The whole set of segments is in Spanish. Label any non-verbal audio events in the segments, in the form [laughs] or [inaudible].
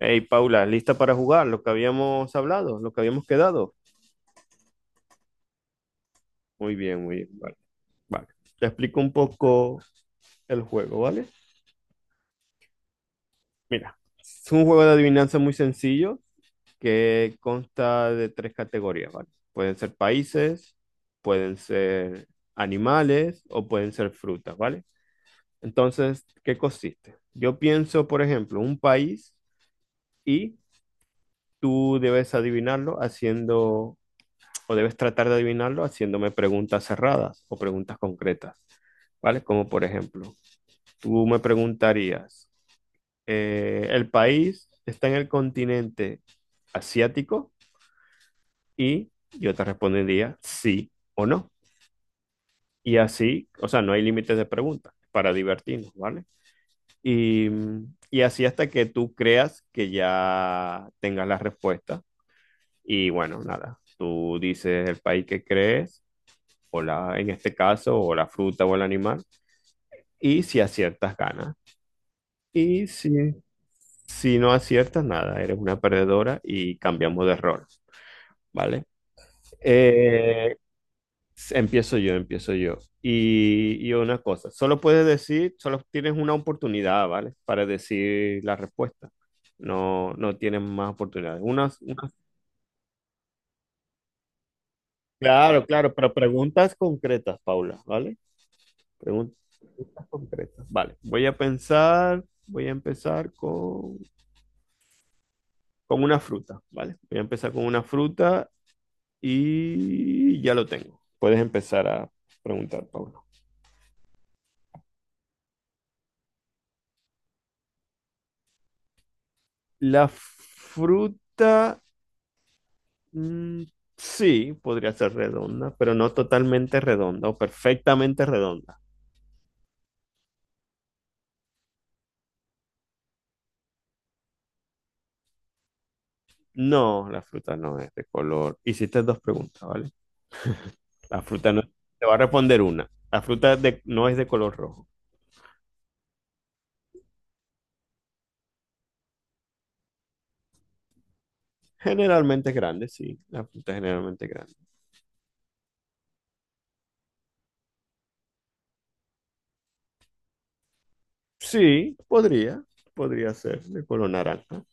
Hey, Paula, ¿lista para jugar? Lo que habíamos hablado, lo que habíamos quedado. Muy bien, muy bien. Vale, vale. Te explico un poco el juego, ¿vale? Mira, es un juego de adivinanza muy sencillo que consta de tres categorías, ¿vale? Pueden ser países, pueden ser animales o pueden ser frutas, ¿vale? Entonces, ¿qué consiste? Yo pienso, por ejemplo, un país y tú debes adivinarlo haciendo o debes tratar de adivinarlo haciéndome preguntas cerradas o preguntas concretas, ¿vale? Como por ejemplo, tú me preguntarías, ¿el país está en el continente asiático? Y yo te respondería sí o no. Y así, o sea, no hay límites de preguntas para divertirnos, ¿vale? Y, y así hasta que tú creas que ya tengas la respuesta. Y bueno, nada, tú dices el país que crees, o la, en este caso, o la fruta o el animal. Y si aciertas, ganas. Y si, si no aciertas, nada, eres una perdedora y cambiamos de rol, ¿vale? Eh, empiezo yo, empiezo yo. Y una cosa, solo puedes decir, solo tienes una oportunidad, ¿vale? Para decir la respuesta. No, no tienes más oportunidades. Claro, claro, pero preguntas concretas, Paula, ¿vale? Pregun- Preguntas concretas. Vale, voy a pensar, voy a empezar con una fruta, ¿vale? Voy a empezar con una fruta y ya lo tengo. Puedes empezar a preguntar, Pablo. La fruta, mm, sí, podría ser redonda, pero no totalmente redonda o perfectamente redonda. No, la fruta no es de color. Hiciste dos preguntas, ¿vale? La fruta no, te va a responder una. No es de color rojo. Generalmente es grande, sí. La fruta es generalmente es grande. Sí, podría ser de color naranja.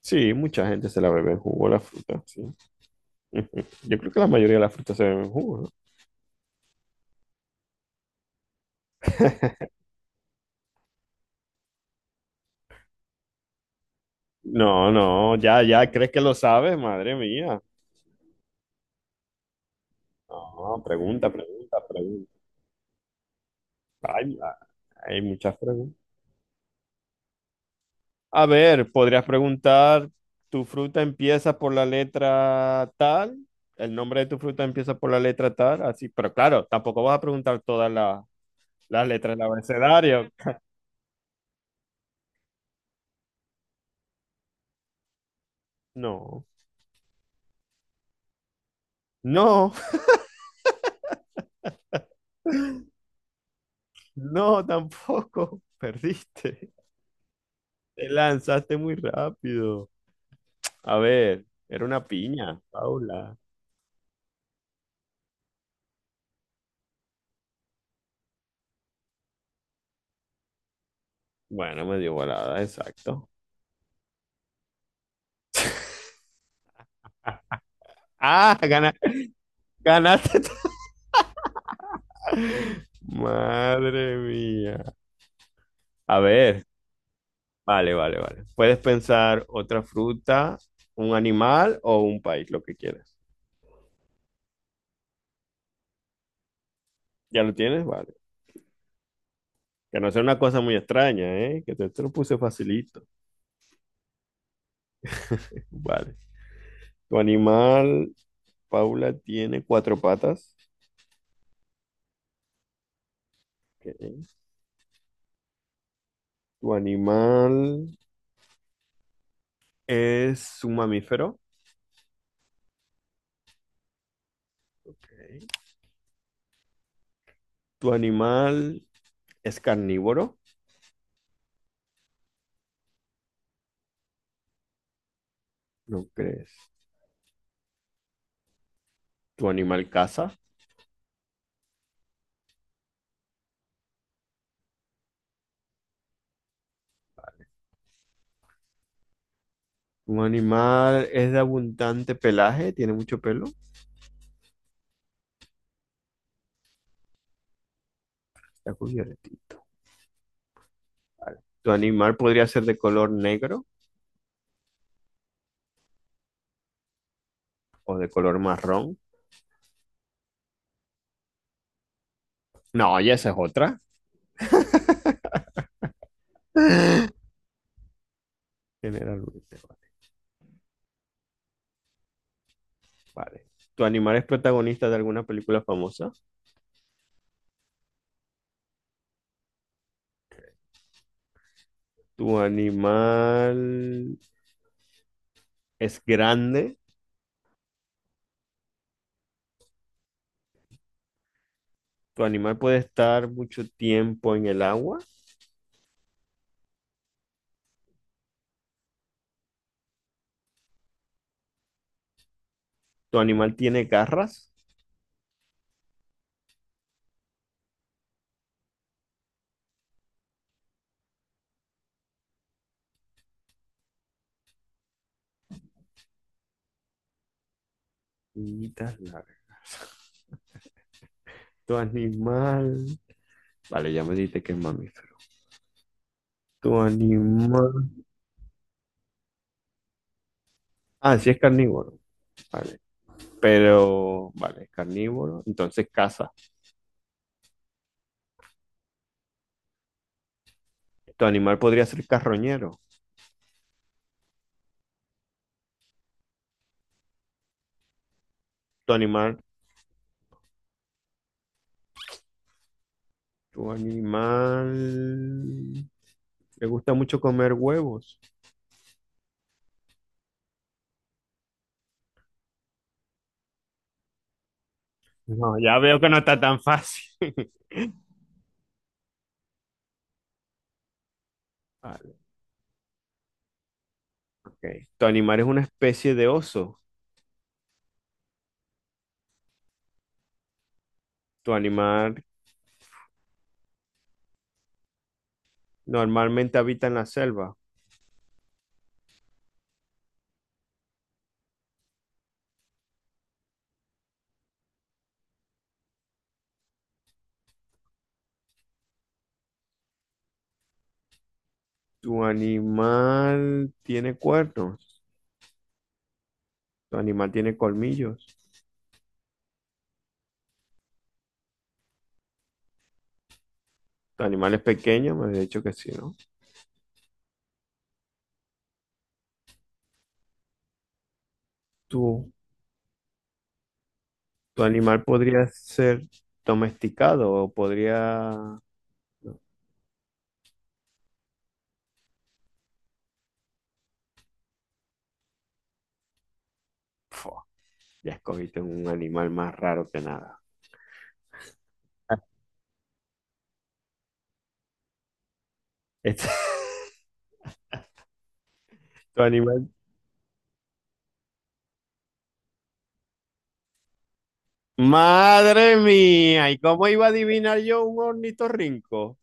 Sí, mucha gente se la bebe en jugo la fruta, sí. [laughs] Yo creo que la mayoría de las frutas se beben en jugo, ¿no? No, no, ya, ya, ¿crees que lo sabes? Madre mía. No, pregunta, pregunta, pregunta. Ay, hay, muchas preguntas. A ver, podrías preguntar, ¿tu fruta empieza por la letra tal? ¿El nombre de tu fruta empieza por la letra tal? Así, pero claro, tampoco vas a preguntar todas las letras del abecedario. No, no, [laughs] no, tampoco. Perdiste. Te lanzaste muy rápido. A ver, era una piña, Paula. Bueno, me dio volada, exacto. Ah, gana- Ganaste. [laughs] Madre mía. A ver, vale, vale, vale. Puedes pensar otra fruta, un animal o un país, lo que quieras. ¿Ya lo tienes? Vale. Que no sea una cosa muy extraña, ¿eh? Que te lo puse facilito. Vale. Tu animal, Paula, tiene cuatro patas. Ok. Tu animal, ¿es un mamífero? Ok. ¿Tu animal es carnívoro? ¿No crees? ¿Tu animal caza? ¿Tu animal es de abundante pelaje? ¿Tiene mucho pelo? Está cubierto. ¿Tu animal podría ser de color negro o de color marrón? No, ya esa es otra. [laughs] Generalmente, vale. ¿Tu animal es protagonista de alguna película famosa? ¿Tu animal es grande? ¿Tu animal puede estar mucho tiempo en el agua? ¿Tu animal tiene garras? Manitas largas. Tu animal. Vale, ya me dijiste que es mamífero. Tu animal. Ah, sí es carnívoro. Vale. Pero, vale, es carnívoro. Entonces caza. Tu animal podría ser carroñero. Tu animal. Tu animal. Le gusta mucho comer huevos. No, ya veo que no está tan fácil. [laughs] Vale, ok. Tu animal es una especie de oso. Tu animal normalmente habita en la selva. Tu animal tiene cuernos. Tu animal tiene colmillos. Tu animal es pequeño, me has dicho que sí, ¿no? Tu, tu animal podría ser domesticado o podría no. Fua, ya escogiste un animal más raro que nada. Ah, Este- [laughs] Tu animal. Madre mía, ¿y cómo iba a adivinar yo un ornitorrinco?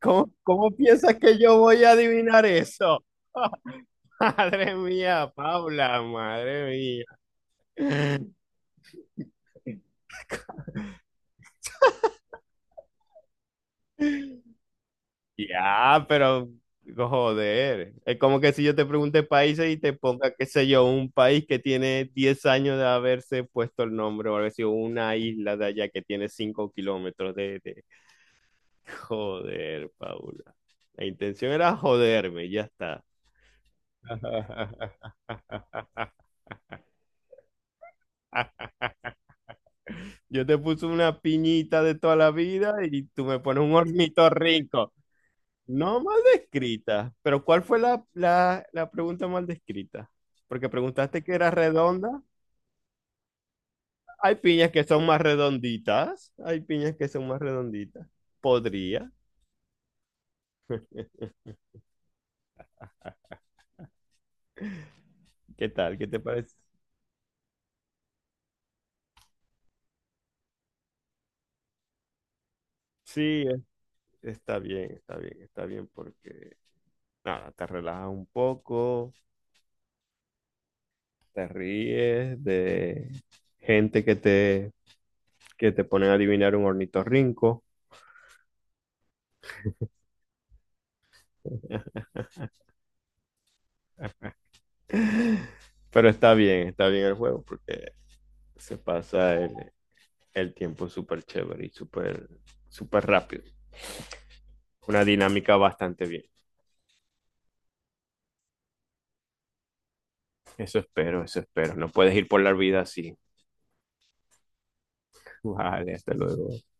¿Cómo, cómo piensas que yo voy a adivinar eso? [laughs] Madre mía, Paula, madre mía. [laughs] Ya, pero joder, es como que si yo te pregunte países y te ponga, qué sé yo, un país que tiene 10 años de haberse puesto el nombre, o algo así, o una isla de allá que tiene 5 kilómetros Joder, Paula. La intención era joderme, ya está. [laughs] Yo te puse una piñita de toda la vida y tú me pones un ornitorrinco. No mal descrita, pero ¿cuál fue la pregunta mal descrita? Porque preguntaste que era redonda. Hay piñas que son más redonditas. Hay piñas que son más redonditas. Podría. ¿Qué tal? ¿Qué te parece? Sí, es- está bien, está bien, está bien porque, nada, te relajas un poco, te ríes de gente que te ponen a adivinar un ornitorrinco. Pero está bien el juego porque se pasa el tiempo súper chévere y súper, súper rápido. Una dinámica bastante bien. Eso espero, eso espero. No puedes ir por la vida así. [laughs] Vale, hasta luego.